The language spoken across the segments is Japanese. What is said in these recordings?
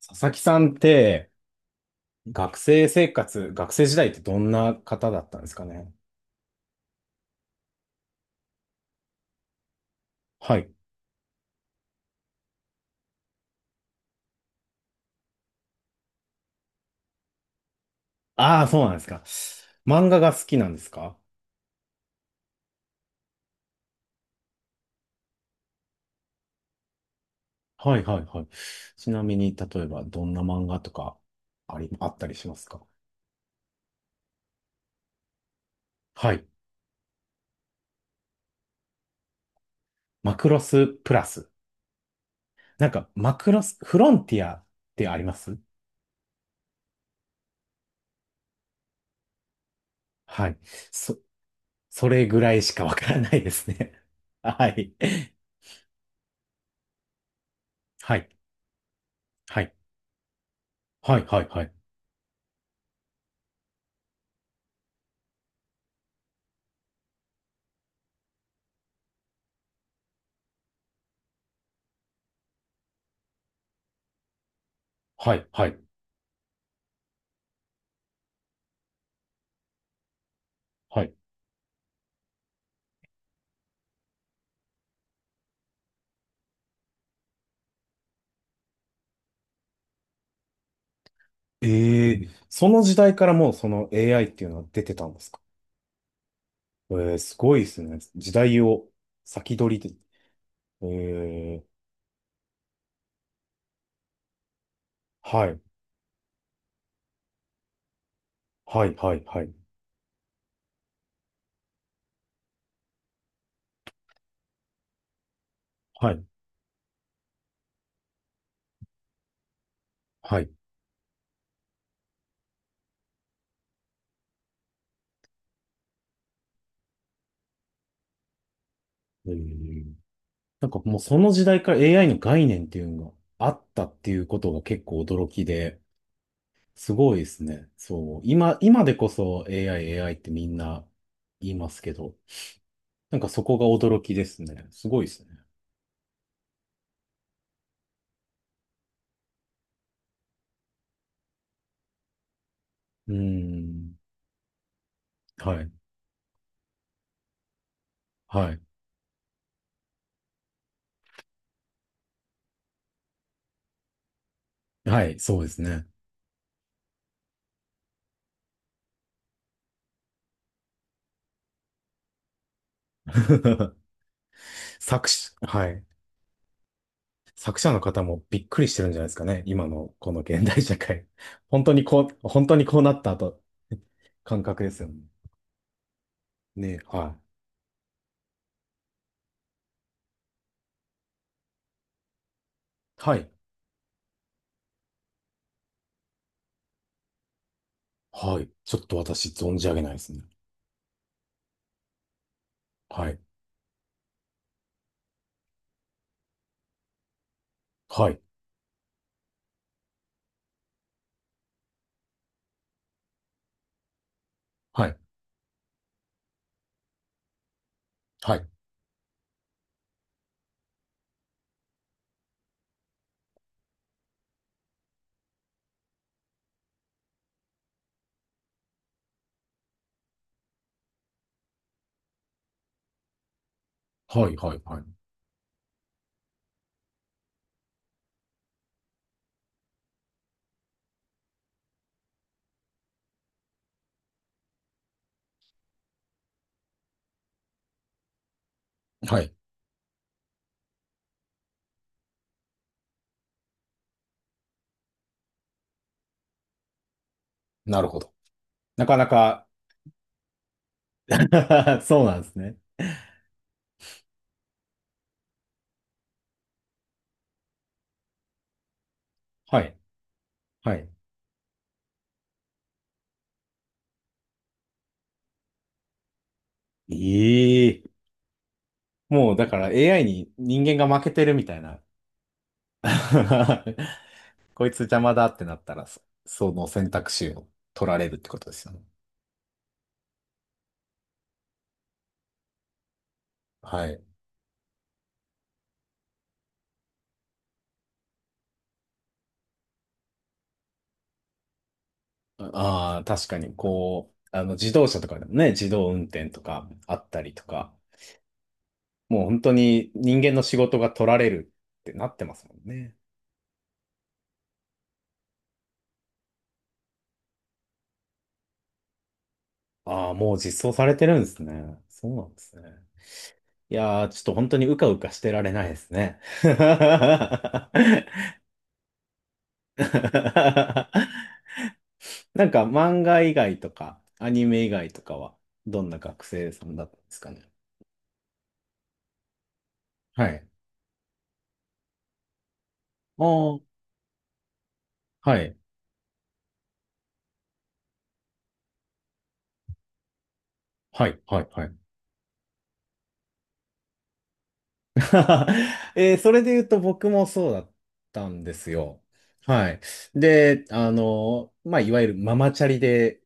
佐々木さんって学生生活、学生時代ってどんな方だったんですかね？はい。ああ、そうなんですか。漫画が好きなんですか？はいはいはい。ちなみに、例えばどんな漫画とかあったりしますか？はい。マクロスプラス。なんか、マクロス、フロンティアってあります？はい。そ、それぐらいしかわからないですね。はい。はい。はい。はい。はい。はい。はい。はい。はい。ええ、その時代からもうその AI っていうのは出てたんですか？ええ、すごいですね。時代を先取りで。ええ、はい、はい、はい、はい、はい、はい。ええ、なんかもうその時代から AI の概念っていうのがあったっていうことが結構驚きで、すごいですね。そう。今、今でこそ AI、AI ってみんな言いますけど、なんかそこが驚きですね。すごいですね。うーん。はい、はい、はい、そうですね。作詞、はい。作者の方もびっくりしてるんじゃないですかね。今のこの現代社会。本当にこう、本当にこうなったと、感覚ですよね。ね、はい。はい。はい。ちょっと私存じ上げないですね。はい。はい。はい。はい。はい。はい。はい。はい。なるほど。なかなか。 そうなんですね。はい。はい。ええ、もうだから AI に人間が負けてるみたいな。 こいつ邪魔だってなったら、そその選択肢を取られるってことですよね。はい。ああー、確かに、こう、自動車とかでもね、自動運転とかあったりとか、もう本当に人間の仕事が取られるってなってますもんね。ああ、もう実装されてるんですね。そうなんですね。いやー、ちょっと本当にうかうかしてられないですね。なんか漫画以外とか、アニメ以外とかは、どんな学生さんだったんですかね？はい。ああ、はい、はい、はい、はい。えー、それで言うと僕もそうだったんですよ。はい。で、まあ、いわゆるママチャリで、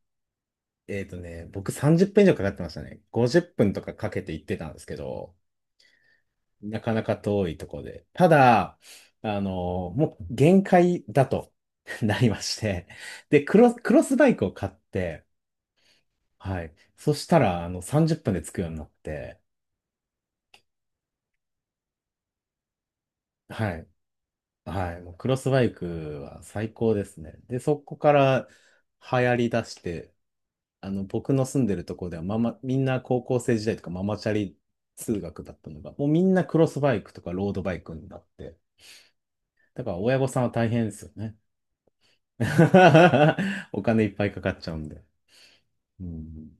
えっとね、僕30分以上かかってましたね。50分とかかけて行ってたんですけど、なかなか遠いとこで。ただ、もう限界だと。 なりまして。で、クロスバイクを買って、はい。そしたら、30分で着くようになって、はい。はい。もうクロスバイクは最高ですね。で、そこから流行り出して、僕の住んでるところではママ、みんな高校生時代とかママチャリ通学だったのが、もうみんなクロスバイクとかロードバイクになって、だから親御さんは大変ですよね。お金いっぱいかかっちゃうんで。うん、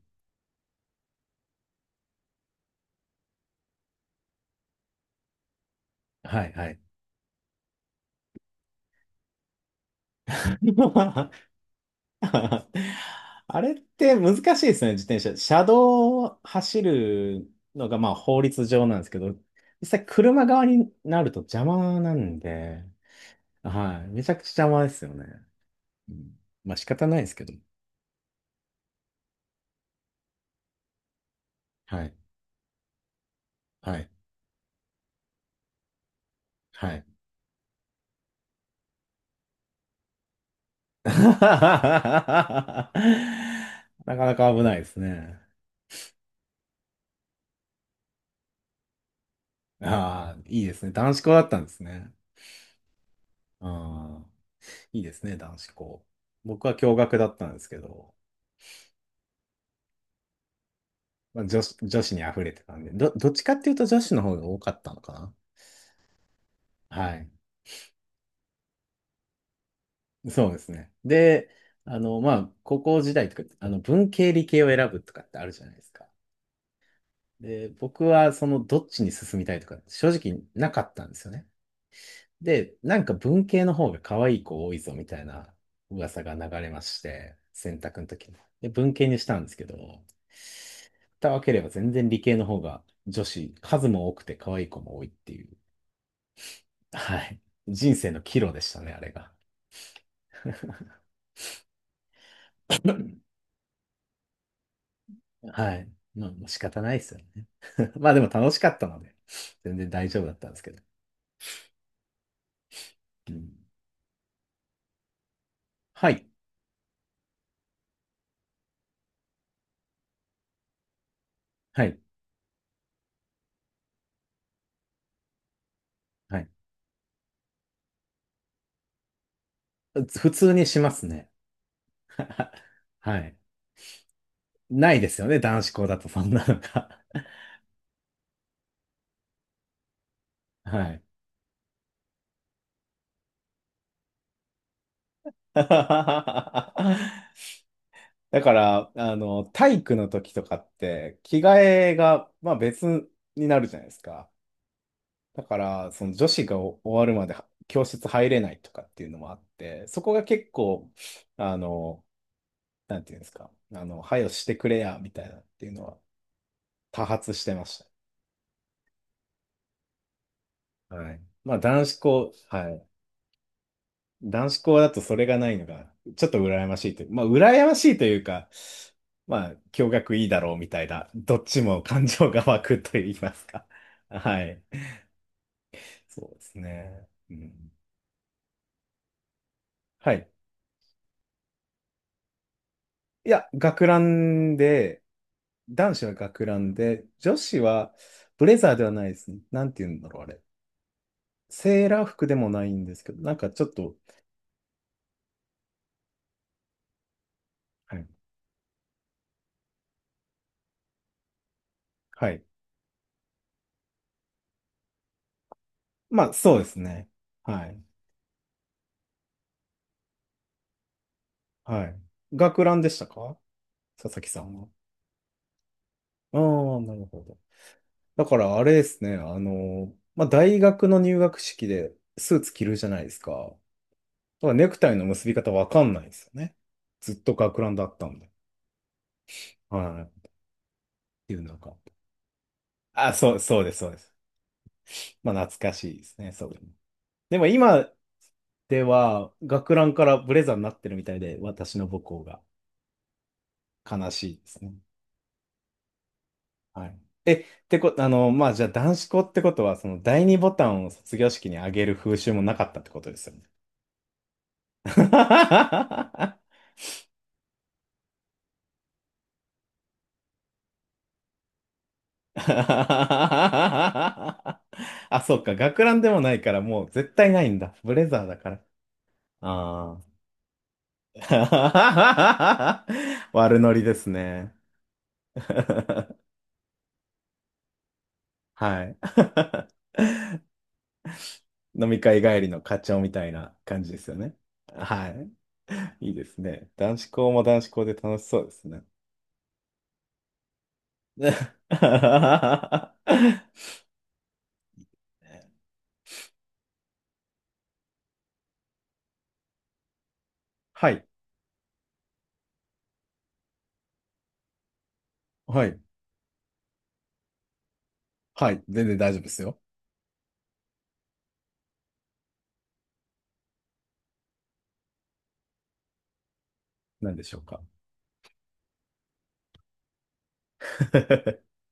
はい、はい。あれって難しいですね、自転車。車道を走るのがまあ法律上なんですけど、実際車側になると邪魔なんで、はい。めちゃくちゃ邪魔ですよね。うん、まあ仕方ないですけど。はい。はい。はい。なかなか危ないですね。ああ、いいですね。男子校だったんですね。ああ、いいですね、男子校。僕は共学だったんですけど。まあ、女子に溢れてたんで、どっちかっていうと女子の方が多かったのかな。はい。そうですね。で、まあ、高校時代とか、文系理系を選ぶとかってあるじゃないですか。で、僕はそのどっちに進みたいとか、正直なかったんですよね。で、なんか文系の方が可愛い子多いぞみたいな噂が流れまして、選択の時に。で、文系にしたんですけど、蓋を開ければ全然理系の方が女子、数も多くて可愛い子も多いっていう。はい。人生の岐路でしたね、あれが。はい。まあ、もう仕方ないですよね。まあでも楽しかったので、全然大丈夫だったんですけど。うん、はい。はい。はい。普通にしますね。はい。ないですよね、男子校だとそんなのが。はい。だから、体育の時とかって、着替えが、まあ別になるじゃないですか。だから、その女子が終わるまで教室入れないとかっていうのもあって、そこが結構、あの、なんていうんですか、配慮してくれや、みたいなっていうのは多発してました。はい。まあ、男子校、はい。男子校だとそれがないのが、ちょっと羨ましいという、まあ、羨ましいというか、まあ、共学いいだろうみたいな、どっちも感情が湧くと言いますか。はい。そうですね。うん、はい。いや、学ランで、男子は学ランで、女子はブレザーではないですね。なんて言うんだろう、あれ。セーラー服でもないんですけど、なんかちょっと、はい。はい。まあ、そうですね。はい。はい。学ランでしたか、佐々木さんは？ああ、なるほど。だから、あれですね。まあ、大学の入学式でスーツ着るじゃないですか。だからネクタイの結び方わかんないですよね。ずっと学ランだったんで。はい。っていうのが。あ、そうです、そうです。まあ、懐かしいですね。そうです。でも今では学ランからブレザーになってるみたいで、私の母校が悲しいですね。はい。え、ってこと、まあ、じゃあ男子校ってことは、その第二ボタンを卒業式にあげる風習もなかったってことですよね？あ、そっか。学ランでもないから、もう絶対ないんだ。ブレザーだから。ああ。悪ノリですね。はい。飲み会帰りの課長みたいな感じですよね。はい。いいですね。男子校も男子校で楽しそうですね。はい。はい。はい。全然大丈夫ですよ。何でしょうか？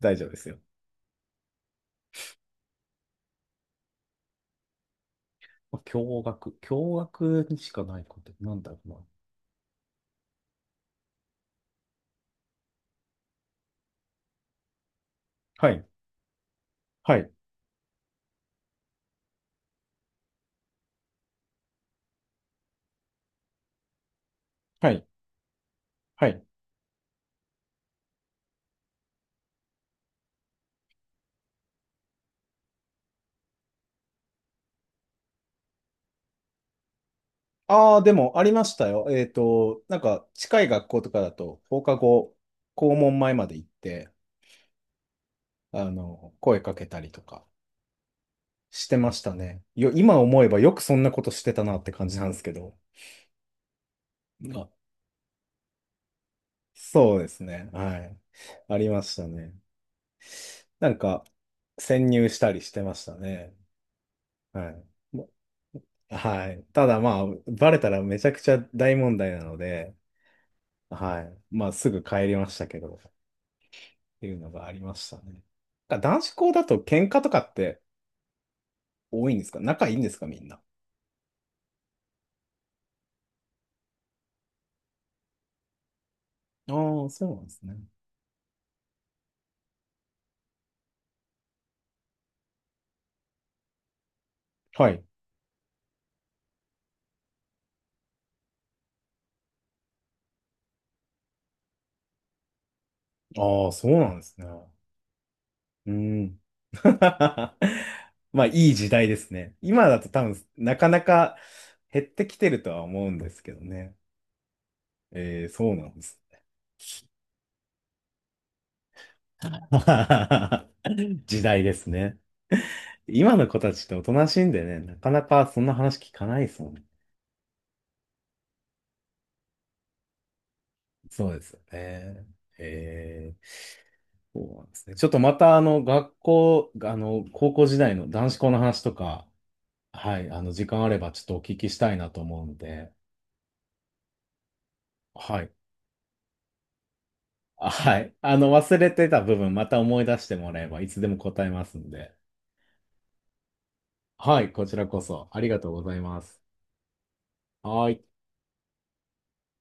大丈夫ですよ。驚愕。驚愕にしかないことってなんだろうな。はい。はい。はい。はい。ああ、でもありましたよ。えっと、なんか近い学校とかだと放課後、校門前まで行って、声かけたりとか。してましたね。よ、今思えばよくそんなことしてたなって感じなんですけど。あ、そうですね。はい。ありましたね。なんか、潜入したりしてましたね。はい。も、はい。ただまあ、バレたらめちゃくちゃ大問題なので、はい。まあ、すぐ帰りましたけど、っていうのがありましたね。なんか男子校だと喧嘩とかって多いんですか、仲いいんですか、みんな？ああー、そうなんですね。はい。ああ、そうなんですね。うん。まあ、いい時代ですね。今だと多分、なかなか減ってきてるとは思うんですけどね。えー、そうなんです。時代ですね。今の子たちっておとなしいんでね、なかなかそんな話聞かないですもんね。そうですよね。えー、そうなんですね。ちょっとまた、学校、高校時代の男子校の話とか、はい、時間あればちょっとお聞きしたいなと思うんで、はい。はい。忘れてた部分、また思い出してもらえば、いつでも答えますんで。はい、こちらこそ、ありがとうございます。はい。